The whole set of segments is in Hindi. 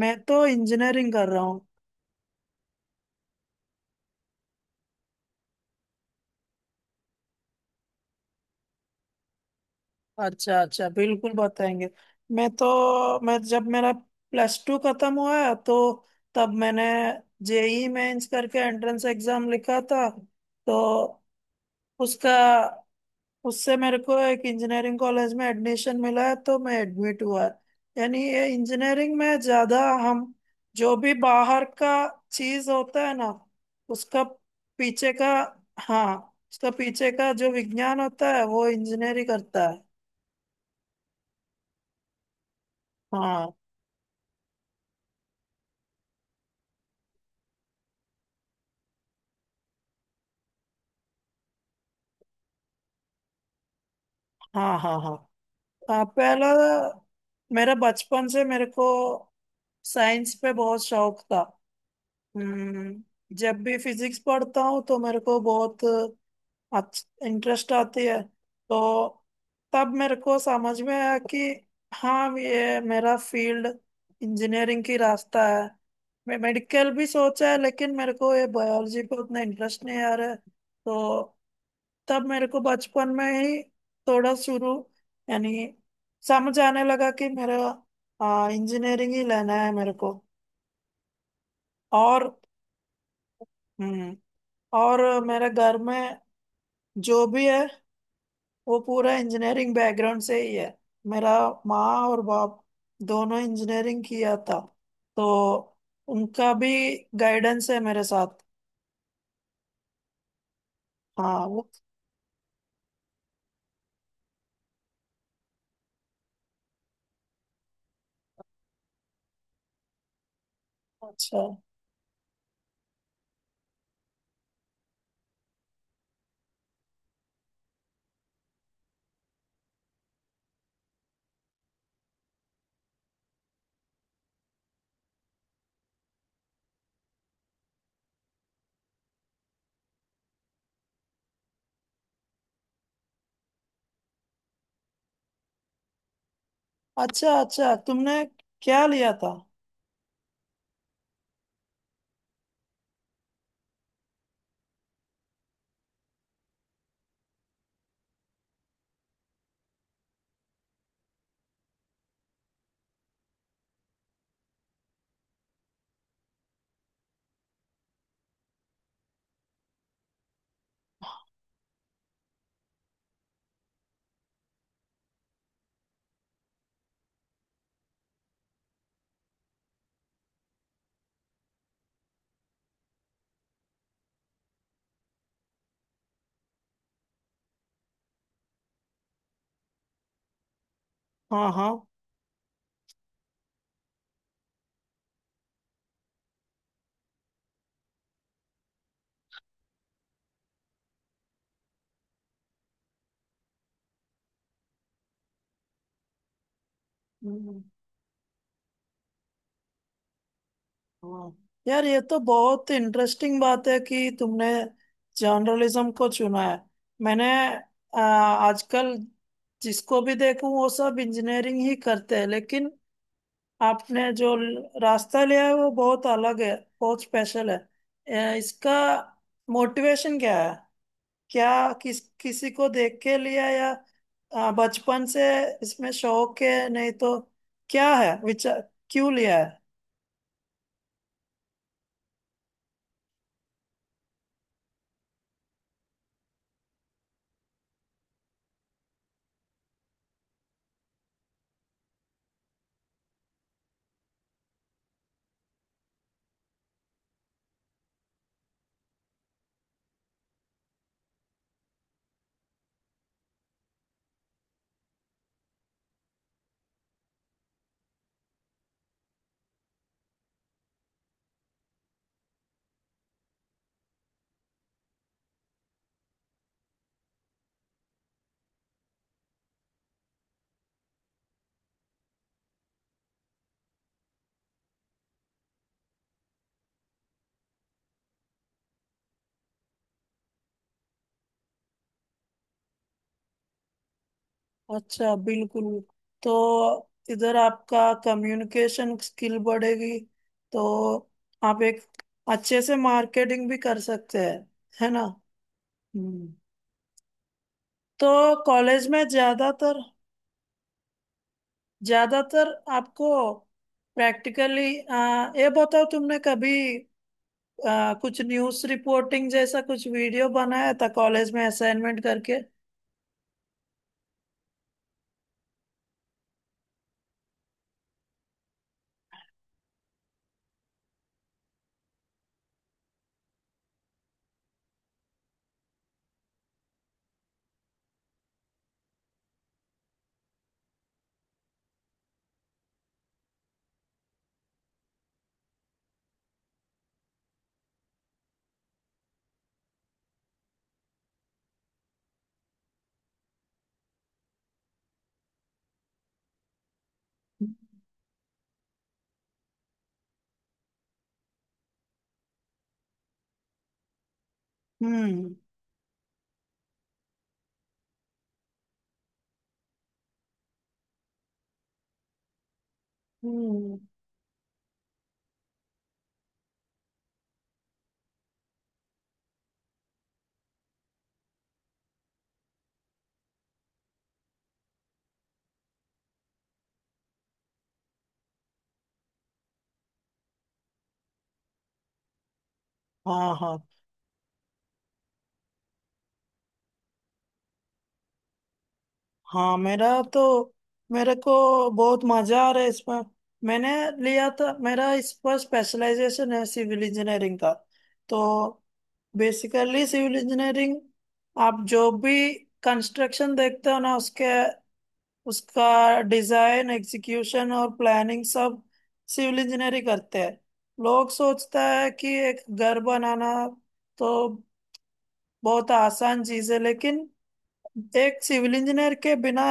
मैं तो इंजीनियरिंग कर रहा हूँ। अच्छा अच्छा, बिल्कुल बताएंगे। मैं जब मेरा +2 खत्म हुआ, तो तब मैंने जेई मेंस करके एंट्रेंस एग्जाम लिखा था। तो उसका उससे मेरे को एक इंजीनियरिंग कॉलेज में एडमिशन मिला है, तो मैं एडमिट हुआ। यानी ये इंजीनियरिंग में ज्यादा हम जो भी बाहर का चीज होता है ना, उसका पीछे का, हाँ उसका पीछे का जो विज्ञान होता है, वो इंजीनियरिंग करता है। हाँ हाँ, हाँ, हाँ। हाँ, पहला, मेरा बचपन से मेरे को साइंस पे बहुत शौक था। हम्म। जब भी फिजिक्स पढ़ता हूँ तो मेरे को बहुत अच्छा इंटरेस्ट आती है। तो तब मेरे को समझ में आया कि हाँ, ये मेरा फील्ड इंजीनियरिंग की रास्ता है। मैं मेडिकल भी सोचा है, लेकिन मेरे को ये बायोलॉजी पे उतना इंटरेस्ट नहीं आ रहा है। तो तब मेरे को बचपन में ही थोड़ा शुरू, यानी समझ आने लगा कि मेरा इंजीनियरिंग ही लेना है मेरे को। और हम्म, और मेरे घर में जो भी है वो पूरा इंजीनियरिंग बैकग्राउंड से ही है। मेरा माँ और बाप दोनों इंजीनियरिंग किया था, तो उनका भी गाइडेंस है मेरे साथ। हाँ, वो अच्छा, अच्छा। अच्छा तुमने क्या लिया था? हाँ, हाँ। हम्म, हाँ, यार ये तो बहुत इंटरेस्टिंग बात है कि तुमने जर्नलिज्म को चुना है। मैंने, आजकल जिसको भी देखूं वो सब इंजीनियरिंग ही करते हैं, लेकिन आपने जो रास्ता लिया है वो बहुत अलग है, बहुत स्पेशल है। इसका मोटिवेशन क्या है? क्या किस किसी को देख के लिया, या बचपन से इसमें शौक है, नहीं तो क्या है विचार, क्यों लिया है? अच्छा, बिल्कुल। तो इधर आपका कम्युनिकेशन स्किल बढ़ेगी, तो आप एक अच्छे से मार्केटिंग भी कर सकते हैं, है ना। हम्म। तो कॉलेज में ज्यादातर, ज्यादातर आपको प्रैक्टिकली ये बताओ, तुमने कभी कुछ न्यूज़ रिपोर्टिंग जैसा कुछ वीडियो बनाया था कॉलेज में असाइनमेंट करके? हम्म। हम्म। हाँ, हाँ, हाँ, मेरा तो मेरे को बहुत मजा आ रहा है इसमें। मैंने लिया था, मेरा इस पर स्पेशलाइजेशन है सिविल इंजीनियरिंग का। तो बेसिकली सिविल इंजीनियरिंग, आप जो भी कंस्ट्रक्शन देखते हो ना, उसके उसका डिजाइन, एग्जीक्यूशन और प्लानिंग सब सिविल इंजीनियर ही करते हैं। लोग सोचता है कि एक घर बनाना तो बहुत आसान चीज है, लेकिन एक सिविल इंजीनियर के बिना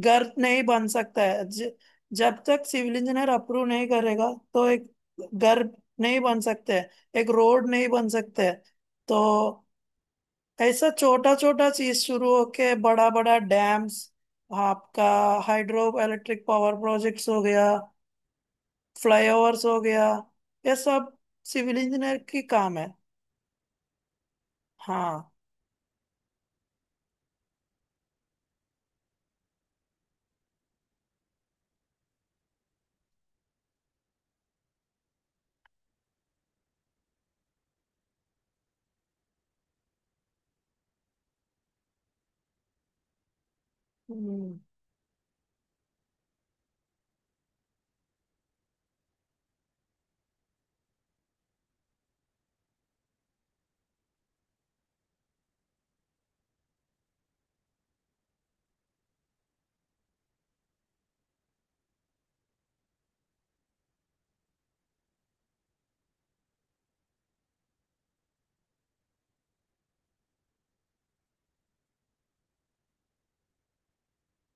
घर नहीं बन सकता है। जब तक सिविल इंजीनियर अप्रूव नहीं करेगा, तो एक घर नहीं बन सकते है, एक रोड नहीं बन सकते है। तो ऐसा छोटा छोटा चीज शुरू होके बड़ा बड़ा डैम्स, आपका हाइड्रो इलेक्ट्रिक पावर प्रोजेक्ट्स हो गया, फ्लाईओवर्स हो गया, ये सब सिविल इंजीनियर की काम है। हाँ। हम्म।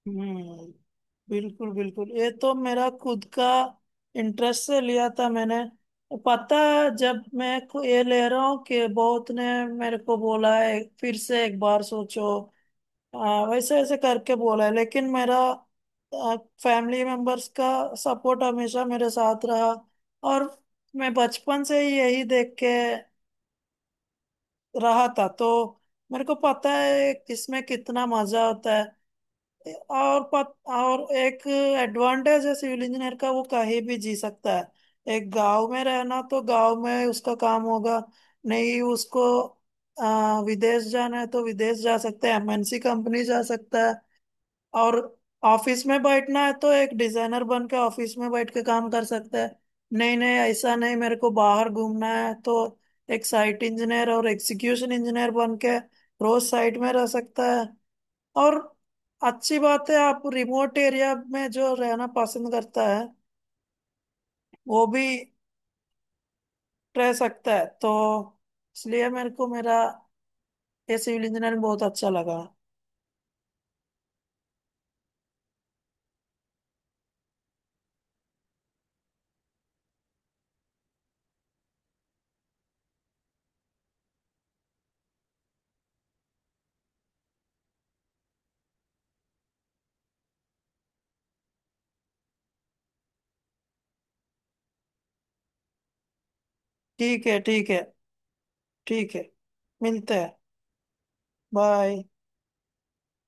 हम्म, बिल्कुल बिल्कुल, ये तो मेरा खुद का इंटरेस्ट से लिया था मैंने। पता है, जब मैं ये ले रहा हूँ कि बहुत ने मेरे को बोला है फिर से एक बार सोचो। हाँ, वैसे ऐसे करके बोला है, लेकिन मेरा फैमिली मेंबर्स का सपोर्ट हमेशा मेरे साथ रहा। और मैं बचपन से ही यही देख के रहा था, तो मेरे को पता है इसमें कितना मजा होता है। और और एक एडवांटेज है सिविल इंजीनियर का, वो कहीं भी जी सकता है। एक गांव में रहना तो गांव में उसका काम होगा। नहीं उसको विदेश जाना है तो विदेश जा सकता है, एमएनसी कंपनी जा सकता है। और ऑफिस में बैठना है तो एक डिजाइनर बन के ऑफिस में बैठ के काम कर सकते हैं। नहीं, नहीं, ऐसा नहीं, मेरे को बाहर घूमना है तो एक साइट इंजीनियर और एग्जीक्यूशन इंजीनियर बन के रोज साइट में रह सकता है। और अच्छी बात है, आप रिमोट एरिया में जो रहना पसंद करता है वो भी रह सकता है। तो इसलिए मेरे को मेरा ये सिविल इंजीनियरिंग बहुत अच्छा लगा। ठीक है, ठीक है। ठीक है, मिलते हैं। बाय।